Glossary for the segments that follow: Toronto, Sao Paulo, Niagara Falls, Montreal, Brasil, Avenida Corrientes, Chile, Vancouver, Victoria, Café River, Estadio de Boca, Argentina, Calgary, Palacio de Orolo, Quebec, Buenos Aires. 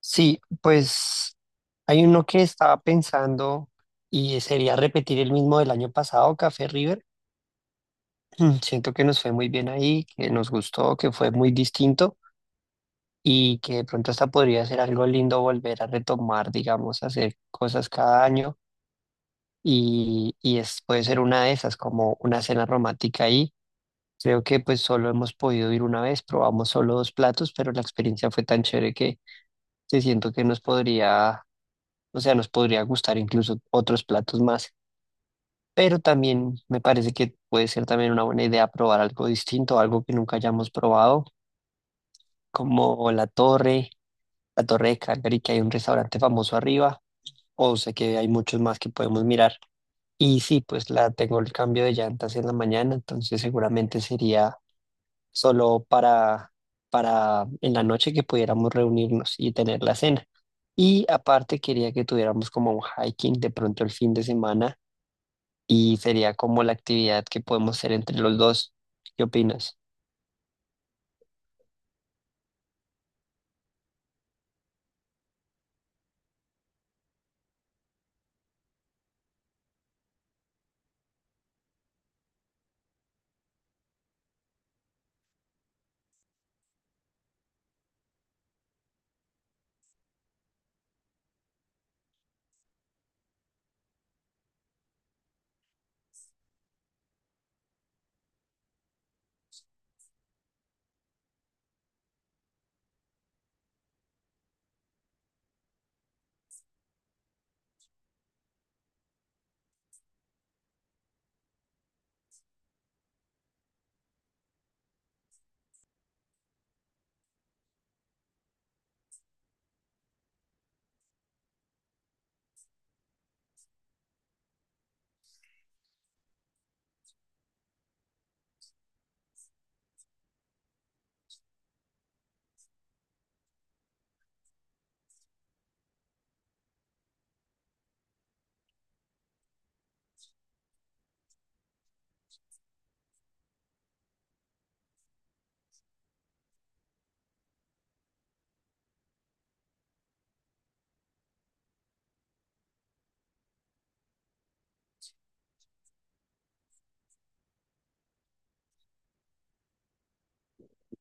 Sí, pues hay uno que estaba pensando y sería repetir el mismo del año pasado, Café River. Siento que nos fue muy bien ahí, que nos gustó, que fue muy distinto y que de pronto hasta podría ser algo lindo volver a retomar, digamos, hacer cosas cada año y es, puede ser una de esas, como una cena romántica ahí. Creo que pues solo hemos podido ir una vez, probamos solo dos platos, pero la experiencia fue tan chévere que siento que nos podría o sea, nos podría gustar incluso otros platos más, pero también me parece que puede ser también una buena idea probar algo distinto, algo que nunca hayamos probado, como la torre de Calgary, que hay un restaurante famoso arriba, o sé que hay muchos más que podemos mirar. Y sí, pues la tengo el cambio de llantas en la mañana, entonces seguramente sería solo para en la noche que pudiéramos reunirnos y tener la cena. Y aparte quería que tuviéramos como un hiking de pronto el fin de semana y sería como la actividad que podemos hacer entre los dos. ¿Qué opinas?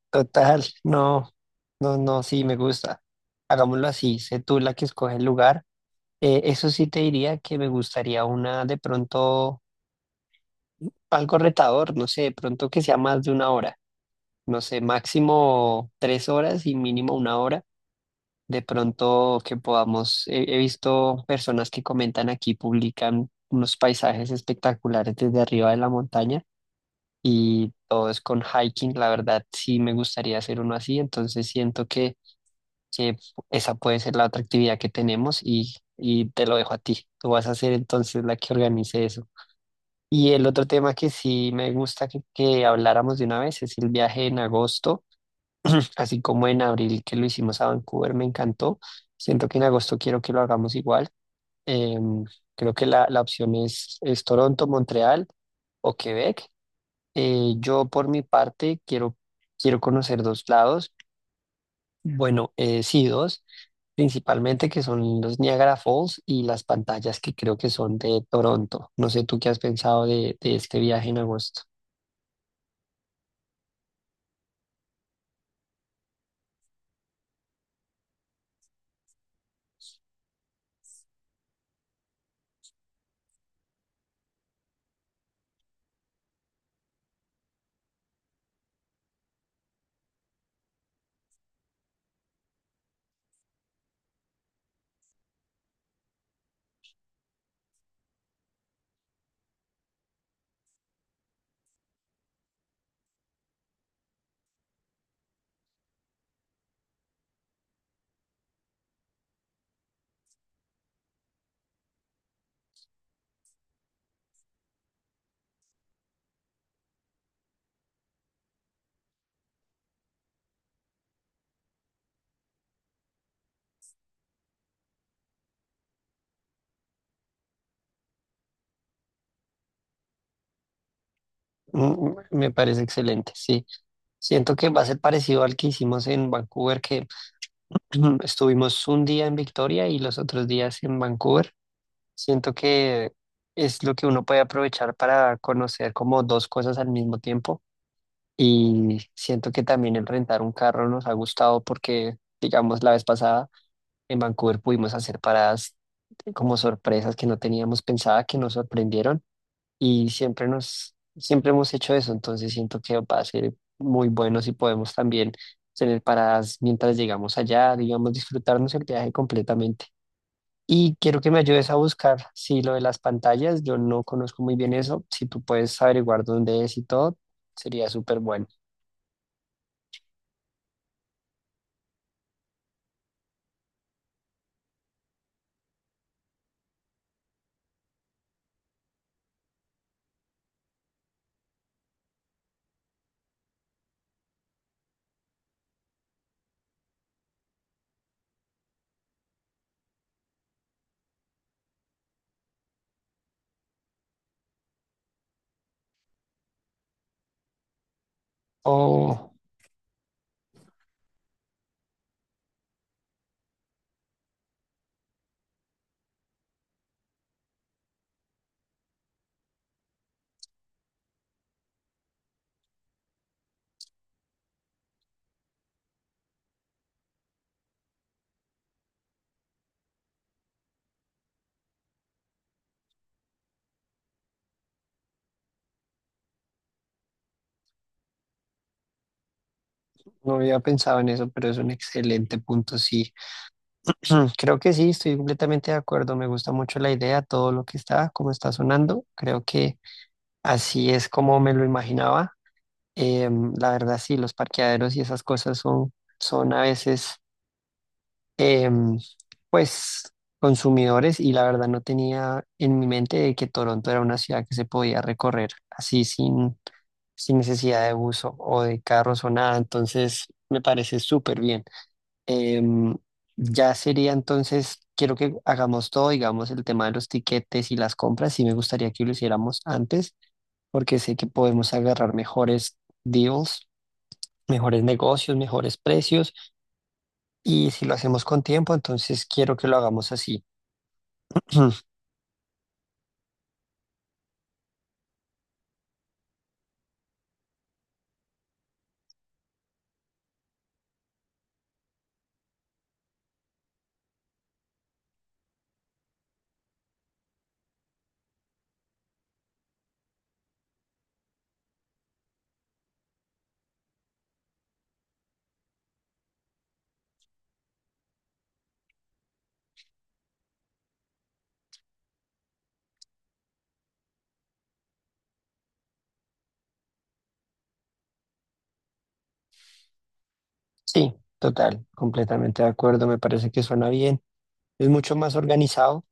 Total, no, no, no, sí, me gusta. Hagámoslo así, sé tú la que escoge el lugar. Eso sí te diría que me gustaría una de pronto, algo retador, no sé, de pronto que sea más de una hora, no sé, máximo tres horas y mínimo una hora. De pronto que podamos, he visto personas que comentan aquí, publican unos paisajes espectaculares desde arriba de la montaña. Y todo es con hiking. La verdad, sí me gustaría hacer uno así, entonces siento que esa puede ser la otra actividad que tenemos y te lo dejo a ti. Tú vas a ser entonces la que organice eso. Y el otro tema que sí me gusta que habláramos de una vez es el viaje en agosto. Así como en abril que lo hicimos a Vancouver, me encantó. Siento que en agosto quiero que lo hagamos igual. Em, Creo que la opción es Toronto, Montreal o Quebec. Yo por mi parte quiero conocer dos lados. Bueno, sí, dos, principalmente que son los Niagara Falls y las pantallas que creo que son de Toronto. No sé tú qué has pensado de este viaje en agosto. Me parece excelente, sí. Siento que va a ser parecido al que hicimos en Vancouver, que estuvimos un día en Victoria y los otros días en Vancouver. Siento que es lo que uno puede aprovechar para conocer como dos cosas al mismo tiempo. Y siento que también el rentar un carro nos ha gustado porque, digamos, la vez pasada en Vancouver pudimos hacer paradas como sorpresas que no teníamos pensada, que nos sorprendieron y siempre nos, siempre hemos hecho eso, entonces siento que va a ser muy bueno si podemos también tener paradas mientras llegamos allá, digamos, disfrutarnos el viaje completamente. Y quiero que me ayudes a buscar, si lo de las pantallas, yo no conozco muy bien eso, si tú puedes averiguar dónde es y todo, sería súper bueno. O No había pensado en eso, pero es un excelente punto, sí. Creo que sí, estoy completamente de acuerdo. Me gusta mucho la idea, todo lo que está, como está sonando. Creo que así es como me lo imaginaba. La verdad, sí, los parqueaderos y esas cosas son a veces, em, pues, consumidores y la verdad no tenía en mi mente de que Toronto era una ciudad que se podía recorrer así sin necesidad de buzo o de carros o nada. Entonces, me parece súper bien. Em, ya sería entonces, quiero que hagamos todo, digamos, el tema de los tiquetes y las compras. Sí me gustaría que lo hiciéramos antes, porque sé que podemos agarrar mejores deals, mejores negocios, mejores precios. Y si lo hacemos con tiempo, entonces quiero que lo hagamos así. Sí, total, completamente de acuerdo. Me parece que suena bien. Es mucho más organizado.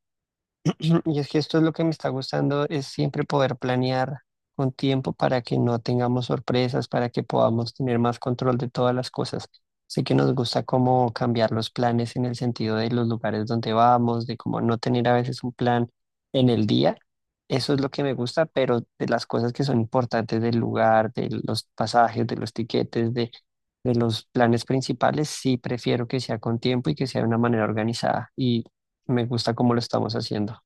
Y es que esto es lo que me está gustando, es siempre poder planear con tiempo para que no tengamos sorpresas, para que podamos tener más control de todas las cosas. Así que nos gusta cómo cambiar los planes en el sentido de los lugares donde vamos, de cómo no tener a veces un plan en el día. Eso es lo que me gusta, pero de las cosas que son importantes del lugar, de los pasajes, de los tiquetes, de los planes principales, sí prefiero que sea con tiempo y que sea de una manera organizada. Y me gusta cómo lo estamos haciendo.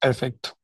Perfecto.